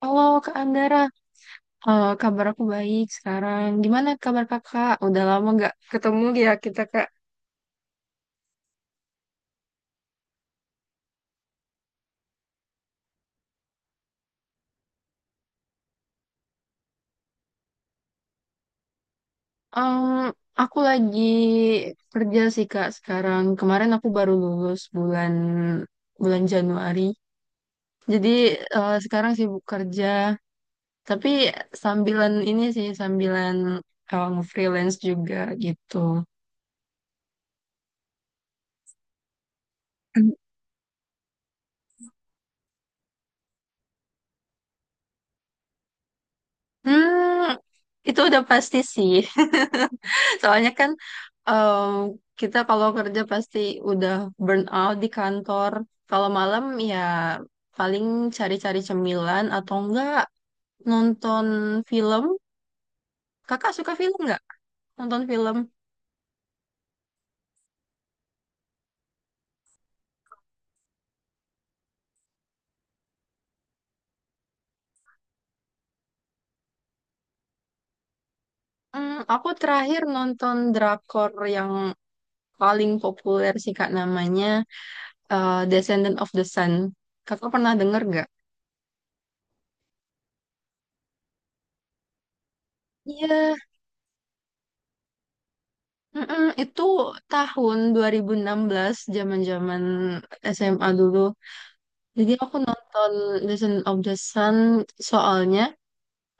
Halo Kak Anggara, kabar aku baik sekarang. Gimana kabar kakak? Udah lama nggak ketemu ya kita, Kak. Em, aku lagi kerja sih, Kak, sekarang. Kemarin aku baru lulus bulan bulan Januari. Jadi sekarang sibuk kerja, tapi sambilan ini sih, sambilan freelance juga gitu. Hmm, itu udah pasti sih. Soalnya kan eh, kita kalau kerja pasti udah burn out di kantor. Kalau malam ya paling cari-cari cemilan atau enggak nonton film. Kakak suka film nggak? Nonton film? Aku terakhir nonton drakor yang paling populer sih Kak namanya Descendant of the Sun. Kakak pernah denger nggak? Iya, mm-mm, itu tahun 2016 zaman-zaman SMA dulu. Jadi aku nonton Legend of the Sun soalnya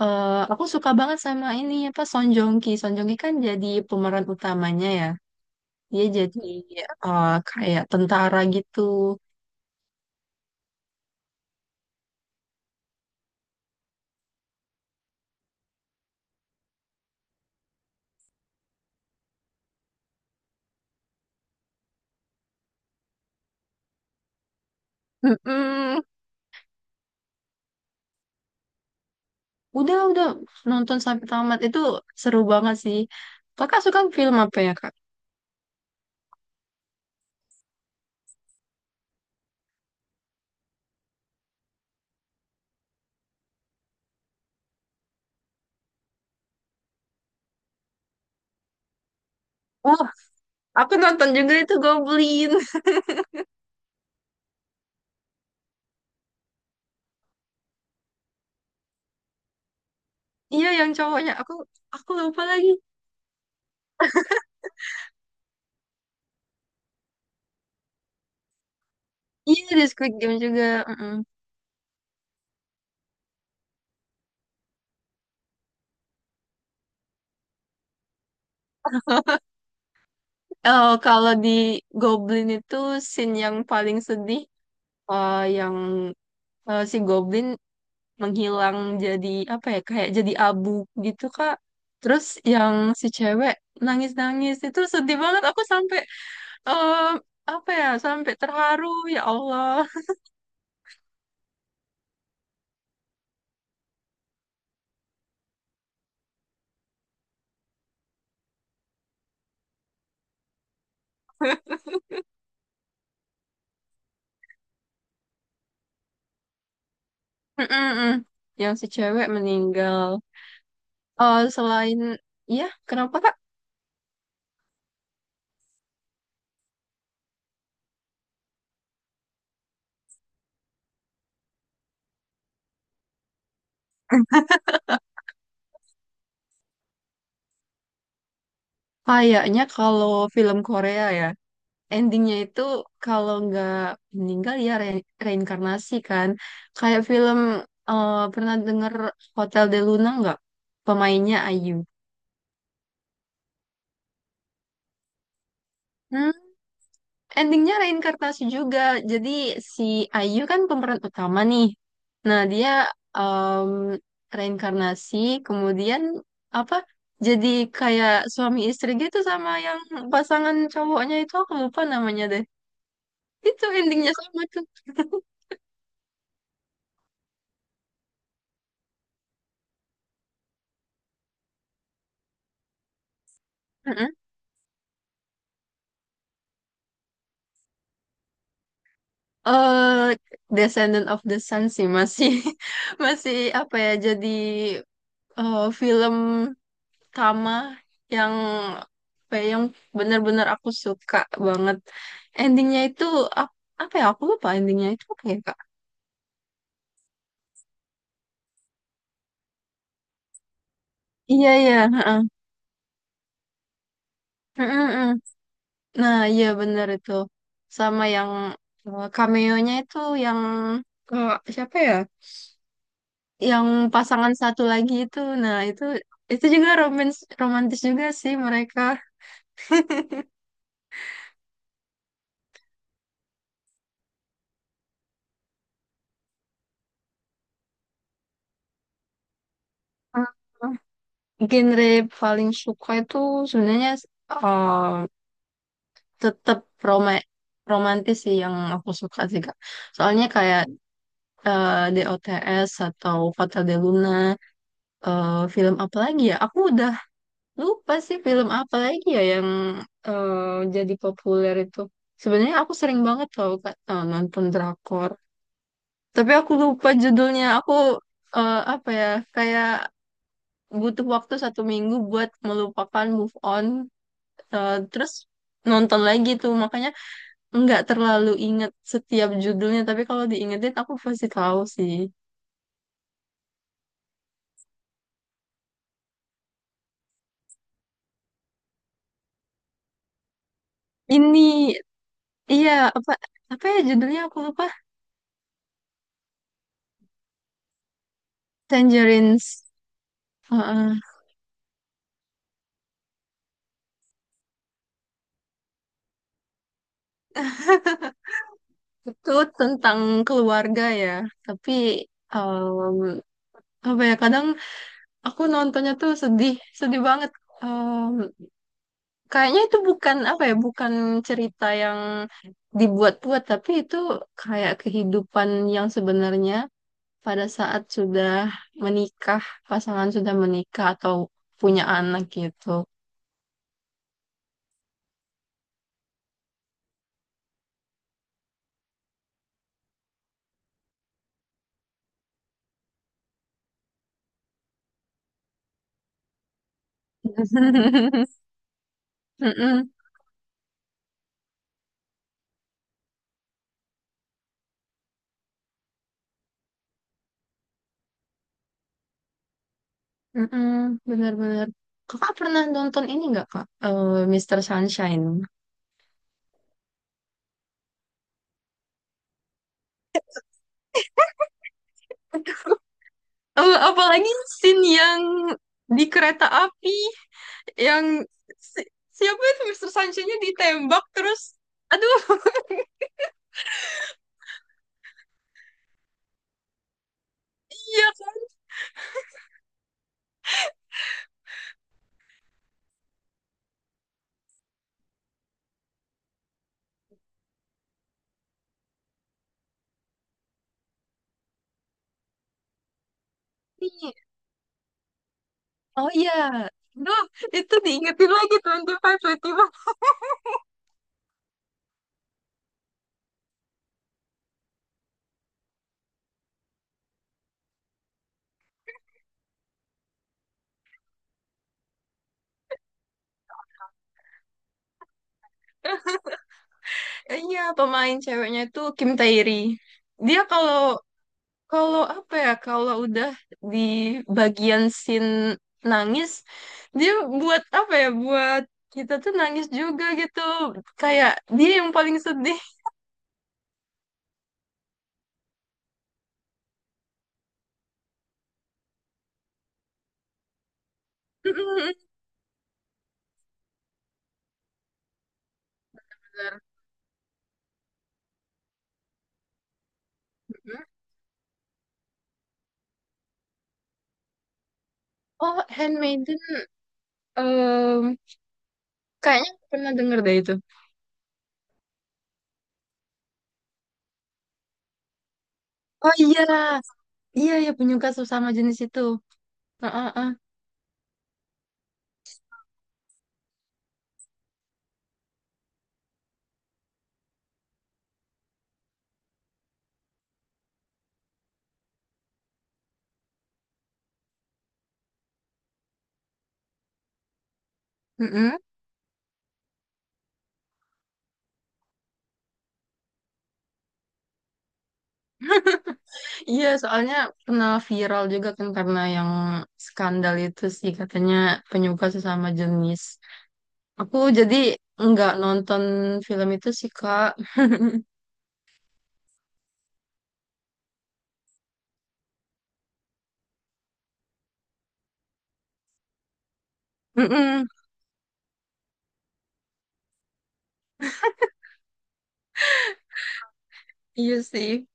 eh, aku suka banget sama ini apa Song Joong Ki. Song Joong Ki kan jadi pemeran utamanya ya. Dia jadi kayak tentara gitu. Mm-mm. Udah nonton sampai tamat, itu seru banget sih. Kakak suka film apa ya kak? Oh, aku nonton juga itu Goblin. Iya yang cowoknya. Aku lupa lagi. Iya, The Squid Game juga. Kalau di Goblin itu scene yang paling sedih yang si Goblin menghilang jadi apa ya kayak jadi abu gitu Kak. Terus yang si cewek nangis-nangis itu sedih banget aku sampai eh, apa ya sampai terharu ya Allah. Mm-mm-mm. Yang si cewek meninggal. Selain ya kenapa Kak? Kayaknya kalau film Korea ya, endingnya itu kalau nggak meninggal ya reinkarnasi kan. Kayak film pernah denger Hotel de Luna nggak? Pemainnya Ayu. Hmm, Endingnya reinkarnasi juga. Jadi si Ayu kan pemeran utama nih. Nah dia em, reinkarnasi kemudian apa? Jadi kayak suami istri gitu sama yang pasangan cowoknya itu aku lupa namanya deh. Itu endingnya sama tuh. eh Descendant of the Sun sih masih masih apa ya jadi film Kama yang apa ya, yang benar-benar aku suka banget. Endingnya itu ap- apa ya aku lupa endingnya itu apa ya Kak? Iya, iya. Heeh. Mm-mm-mm. Nah iya benar itu sama yang cameo-nya itu yang eh, siapa ya? Yang pasangan satu lagi itu. Nah itu juga romantis juga sih mereka. Hmm, Genre paling suka itu sebenarnya tetap roma romantis sih yang aku suka sih Kak. Soalnya kayak DOTS atau Fatal de Luna, film apa lagi ya? Aku udah lupa sih film apa lagi ya yang jadi populer itu. Sebenarnya aku sering banget tau Kak nonton drakor. Tapi aku lupa judulnya. Aku apa ya? Kayak butuh waktu 1 minggu buat melupakan move on. Terus nonton lagi tuh makanya nggak terlalu inget setiap judulnya tapi kalau diingetin aku pasti tahu sih. Ini, iya, apa apa ya judulnya aku lupa. Tangerines. Heeh. Itu tentang keluarga ya, tapi em, apa ya kadang aku nontonnya tuh sedih sedih banget. Em, Kayaknya itu bukan apa ya bukan cerita yang dibuat-buat tapi itu kayak kehidupan yang sebenarnya pada saat sudah menikah, pasangan sudah menikah atau punya anak gitu. Mm-mm, mm-mm, benar-benar. Kakak pernah nonton ini nggak kak? Mr. Sunshine. Apalagi scene yang di kereta api yang si- siapa itu Mister Sunshine-nya ditembak terus aduh iya Kak. Oh iya aduh itu diingetin lagi 25, 25. Iya, pemain ceweknya itu Kim Tae-ri. Dia kalau kalau apa ya, kalau udah di bagian scene nangis, dia buat apa ya, buat kita tuh nangis juga gitu. Kayak dia yang paling sedih. Bener. Hmm. Oh, Handmaiden. em, Kayaknya aku pernah denger deh itu. Oh iya, iya ya penyuka sesama jenis itu. Heeh, heeh. Iya, soalnya pernah viral juga kan karena yang skandal itu sih katanya penyuka sesama jenis. Aku jadi nggak nonton film itu sih, Kak. Mm-mm, iya sih.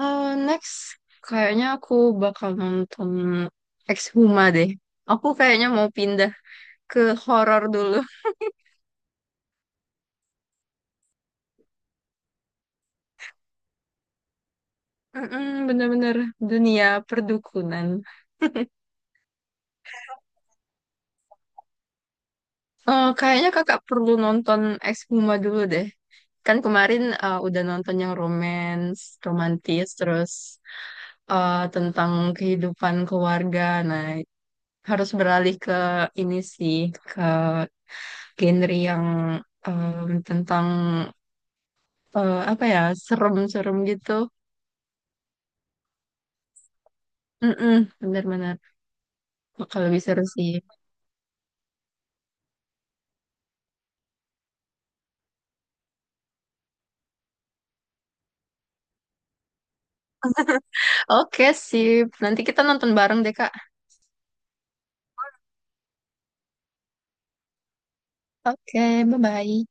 Next, kayaknya aku bakal nonton Exhuma deh. Aku kayaknya mau pindah ke horor dulu. Mm-mm, bener-bener dunia perdukunan. Kayaknya kakak perlu nonton Ex Puma dulu deh. Kan kemarin udah nonton yang romance, romantis, terus tentang kehidupan keluarga. Nah, harus beralih ke ini sih, ke genre yang tentang apa ya, serem-serem gitu. Mm-mm, benar-benar. Kalau bisa seru sih. Oke, sip. Nanti kita nonton bareng deh, Kak. Oke, bye-bye.